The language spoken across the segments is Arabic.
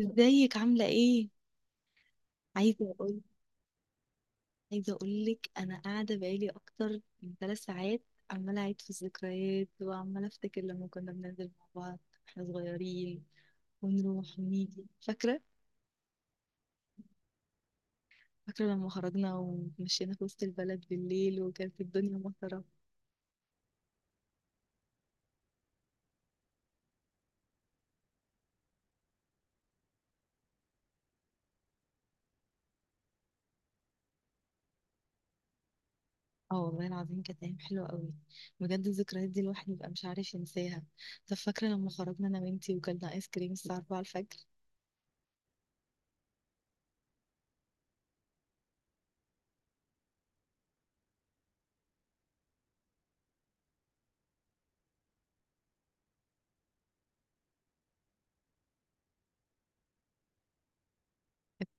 ازيك عاملة ايه؟ عايزة اقول عايزة اقولك انا قاعدة بقالي اكتر من 3 ساعات، عمالة اعيد في الذكريات وعمالة افتكر لما كنا بننزل مع بعض واحنا صغيرين ونروح ونيجي، فاكرة؟ فاكرة لما خرجنا ومشينا في وسط البلد بالليل وكانت الدنيا مطرة. اه والله العظيم كانت ايام حلوة قوي. بجد الذكريات دي الواحد بيبقى مش عارف ينساها. طب فاكرة لما خرجنا انا وانتي وكلنا ايس كريم الساعة 4 الفجر؟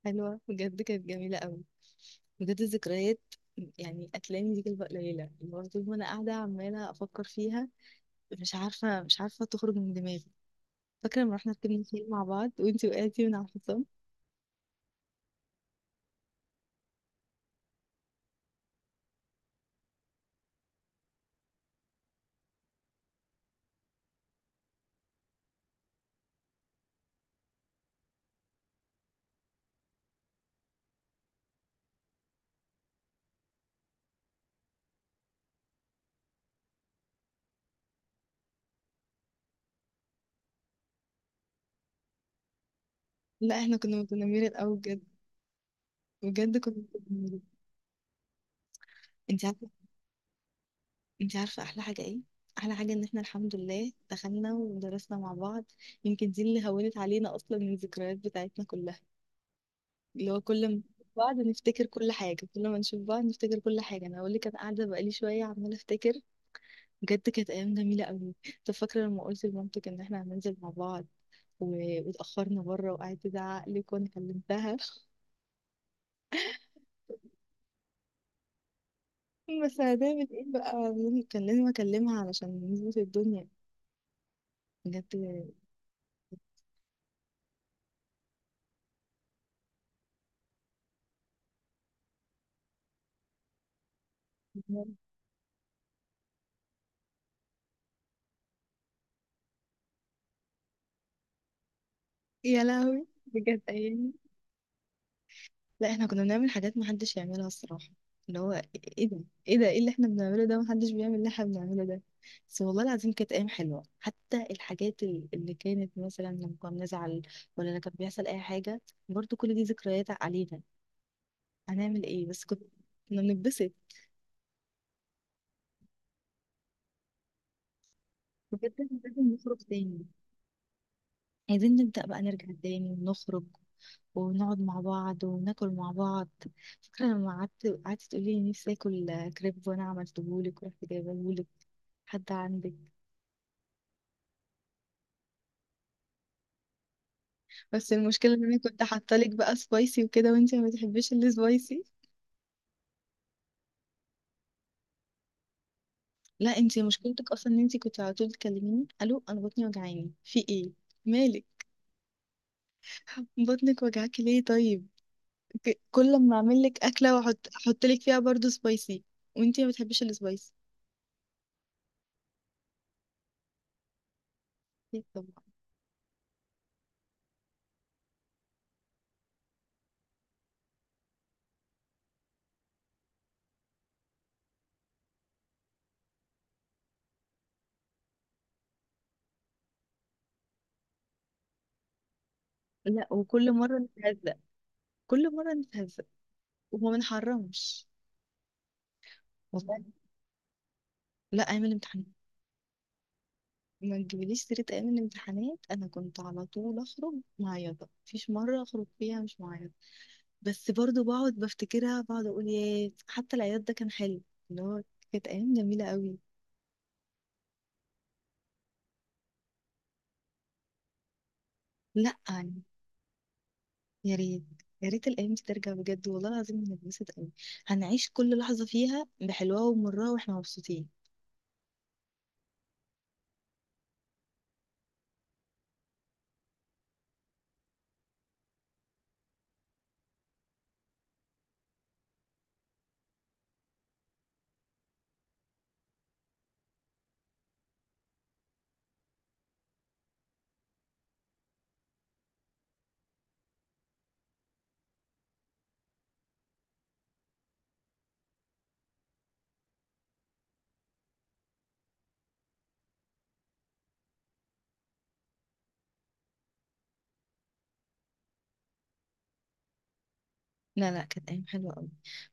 حلوة بجد، كانت جميلة قوي. بجد الذكريات. يعني هتلاقيني دي كلمة قليلة، اللي هو طول ما أنا قاعدة عمالة أفكر فيها. مش عارفة تخرج من دماغي. فاكرة لما رحنا ركبنا خيل مع بعض وأنتي وقعتي من على الحصان. لا، احنا كنا متنمرين قوي بجد. بجد كنا متنمرين. أنت عارفة. أنت عارفة أحلى حاجة إيه؟ أحلى حاجة إن احنا الحمد لله دخلنا ودرسنا مع بعض. يمكن دي اللي هونت علينا أصلا من الذكريات بتاعتنا كلها، اللي هو كل ما نشوف بعض نفتكر كل حاجة، كل ما نشوف بعض نفتكر كل حاجة. أنا أقول لك أنا قاعدة بقالي شوية عمالة أفتكر. بجد كانت أيام جميلة أوي. طب فاكرة لما قلت لمامتك إن إحنا هننزل مع بعض واتأخرنا بره وقعدت تزعق لك وأنا كلمتها بس هنعمل إيه بقى، كان لازم أكلمها علشان نظبط الدنيا. بجد. يا لهوي بجد أيام. لا، احنا كنا بنعمل حاجات محدش يعملها الصراحة. اللي هو، ايه ده، ايه ده، ايه اللي احنا بنعمله ده، محدش بيعمل اللي احنا بنعمله ده. بس والله العظيم كانت ايام حلوة، حتى الحاجات اللي كانت مثلا لما كنا بنزعل. ولا لما كان بيحصل اي حاجة. برضو كل دي ذكريات علينا. هنعمل ايه بس، كنا بنتبسط. بجد احنا لازم نخرج تاني. عايزين نبدأ بقى نرجع تاني ونخرج ونقعد مع بعض وناكل مع بعض. فاكرة لما قعدت تقولي نفسي اكل كريب، وانا عملتهولك ورحت جايبهولك. حد عندك؟ بس المشكلة ان انا كنت حاطالك بقى سبايسي وكده وانتي ما بتحبيش السبايسي. لا انتي مشكلتك اصلا ان انتي كنت على طول تكلميني الو، انا بطني وجعاني في ايه. مالك؟ بطنك وجعاكي ليه طيب؟ كل ما اعمل لك اكله واحط لك فيها برضو سبايسي. وانتي ما بتحبيش السبايسي. ليه طبعا. لا، وكل مره نتهزق كل مره نتهزق، وما بنحرمش. والله. لا اعمل امتحان. ما تجيبليش سيرة أيام الامتحانات، أنا كنت على طول أخرج معيطة، مفيش مرة أخرج فيها مش معيطة. بس برضو بقعد بفتكرها، بقعد أقول ياه، حتى العياط ده كان حلو. اللي هو كانت أيام جميلة قوي. لأ يعني. يا ريت. يا ريت الأيام دي ترجع، بجد والله العظيم هنتبسط قوي. هنعيش كل لحظة فيها بحلوها ومرها واحنا مبسوطين. لا لا، كانت ايام حلوه قوي.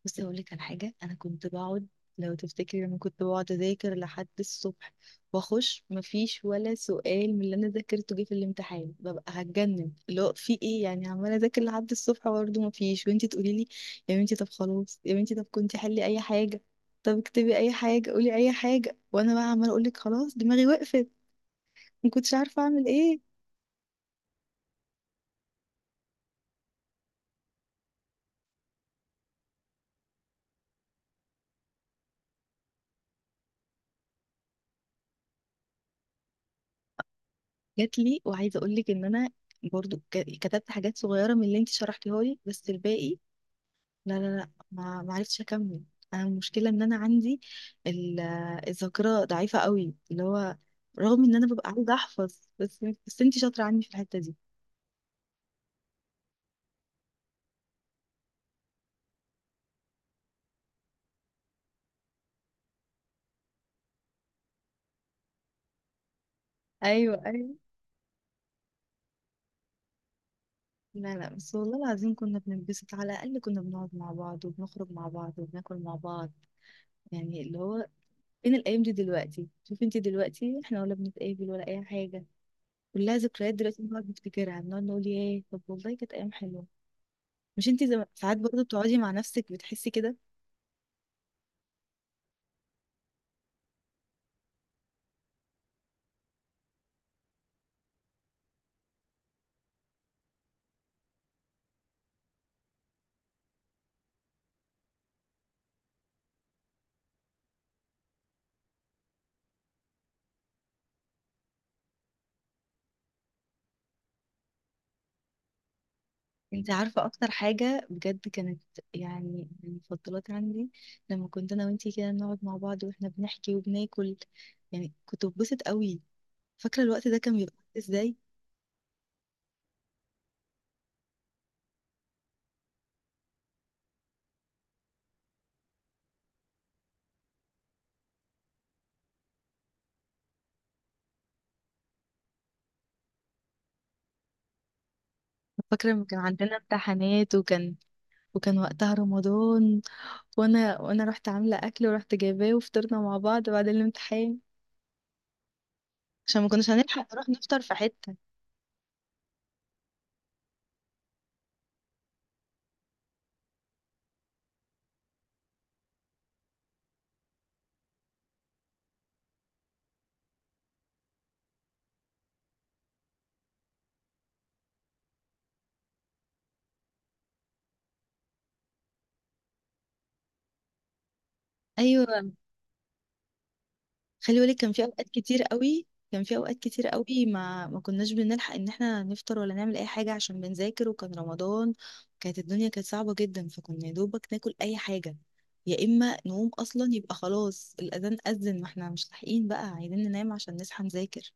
بس اقول لك على حاجه، انا كنت بقعد لو تفتكري انا كنت بقعد اذاكر لحد الصبح. واخش مفيش ولا سؤال من اللي انا ذاكرته جه في الامتحان، ببقى هتجنن لو في ايه يعني، عماله اذاكر لحد الصبح برضه مفيش، وانتي تقولي لي يا بنتي طب خلاص، يا بنتي طب كنتي حلي اي حاجه. طب اكتبي اي حاجه، قولي اي حاجه، وانا بقى عماله اقول لك خلاص دماغي وقفت. ما كنتش عارفه اعمل ايه. جات لي، وعايزه اقول لك ان انا برضو كتبت حاجات صغيرة من اللي انت شرحتيها لي، بس الباقي لا لا لا، ما عرفتش اكمل. انا المشكله ان انا عندي الذاكره ضعيفه قوي، اللي هو رغم ان انا ببقى عايزه احفظ، بس انتي شاطره عني في الحته دي. ايوه ايوه. لا لا، بس والله العظيم كنا بننبسط، على الاقل كنا بنقعد مع بعض وبنخرج مع بعض وبناكل مع بعض، يعني اللي هو. فين الايام دي دلوقتي؟ شوفي انتي دلوقتي احنا ولا بنتقابل ولا اي حاجه. كلها ذكريات دلوقتي، بنقعد نفتكرها بنقعد نقول ياه، طب والله كانت ايام حلوه. مش انتي ساعات برضه بتقعدي مع نفسك بتحسي كده؟ انت عارفة اكتر حاجة بجد كانت، يعني من المفضلات عندي، لما كنت انا وانتي كده نقعد مع بعض واحنا بنحكي وبناكل. يعني كنت ببسط قوي. فاكرة الوقت ده كان بيبقى ازاي؟ فاكرة لما كان عندنا امتحانات وكان وقتها رمضان، وانا رحت عاملة اكل ورحت جايباه وفطرنا مع بعض بعد الامتحان. عشان ما كناش هنلحق نروح نفطر في حتة. ايوه. خلي بالك كان في اوقات كتير قوي، كان في اوقات كتير قوي ما كناش بنلحق ان احنا نفطر ولا نعمل اي حاجه عشان بنذاكر، وكان رمضان. كانت الدنيا كانت صعبه جدا، فكنا يا دوبك ناكل اي حاجه، يا اما نقوم اصلا يبقى خلاص الاذان اذن، ما احنا مش لاحقين بقى، عايزين ننام عشان نصحى نذاكر.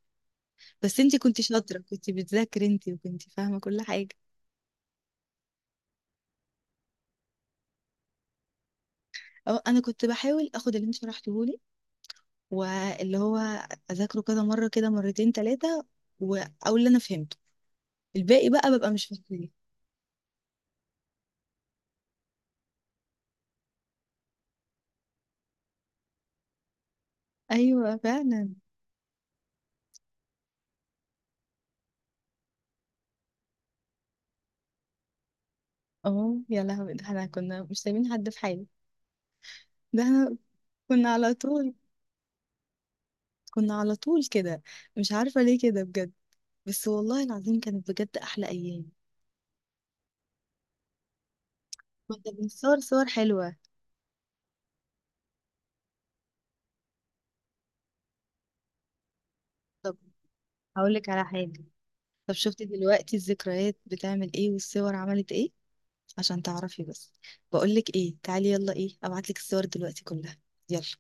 بس انتي كنتي شاطره، كنتي بتذاكري انتي وكنتي فاهمه كل حاجه. أو انا كنت بحاول اخد اللي انت شرحتهولي، واللي هو اذاكره كذا مره كده، مرتين ثلاثه، واقول اللي انا فهمته، الباقي بقى ببقى مش فاكره. ايوه فعلا. اه يا لهوي، ده احنا كنا مش سايبين حد في حاله. ده احنا كنا على طول كنا على طول كده. مش عارفه ليه كده بجد. بس والله العظيم كانت بجد احلى ايام. كنا بنصور صور حلوه. طب هقول لك على حاجه. طب شفتي دلوقتي الذكريات بتعمل ايه والصور عملت ايه؟ عشان تعرفي بس، بقول لك ايه، تعالي يلا، ايه؟ ابعت لك الصور دلوقتي كلها. يلا.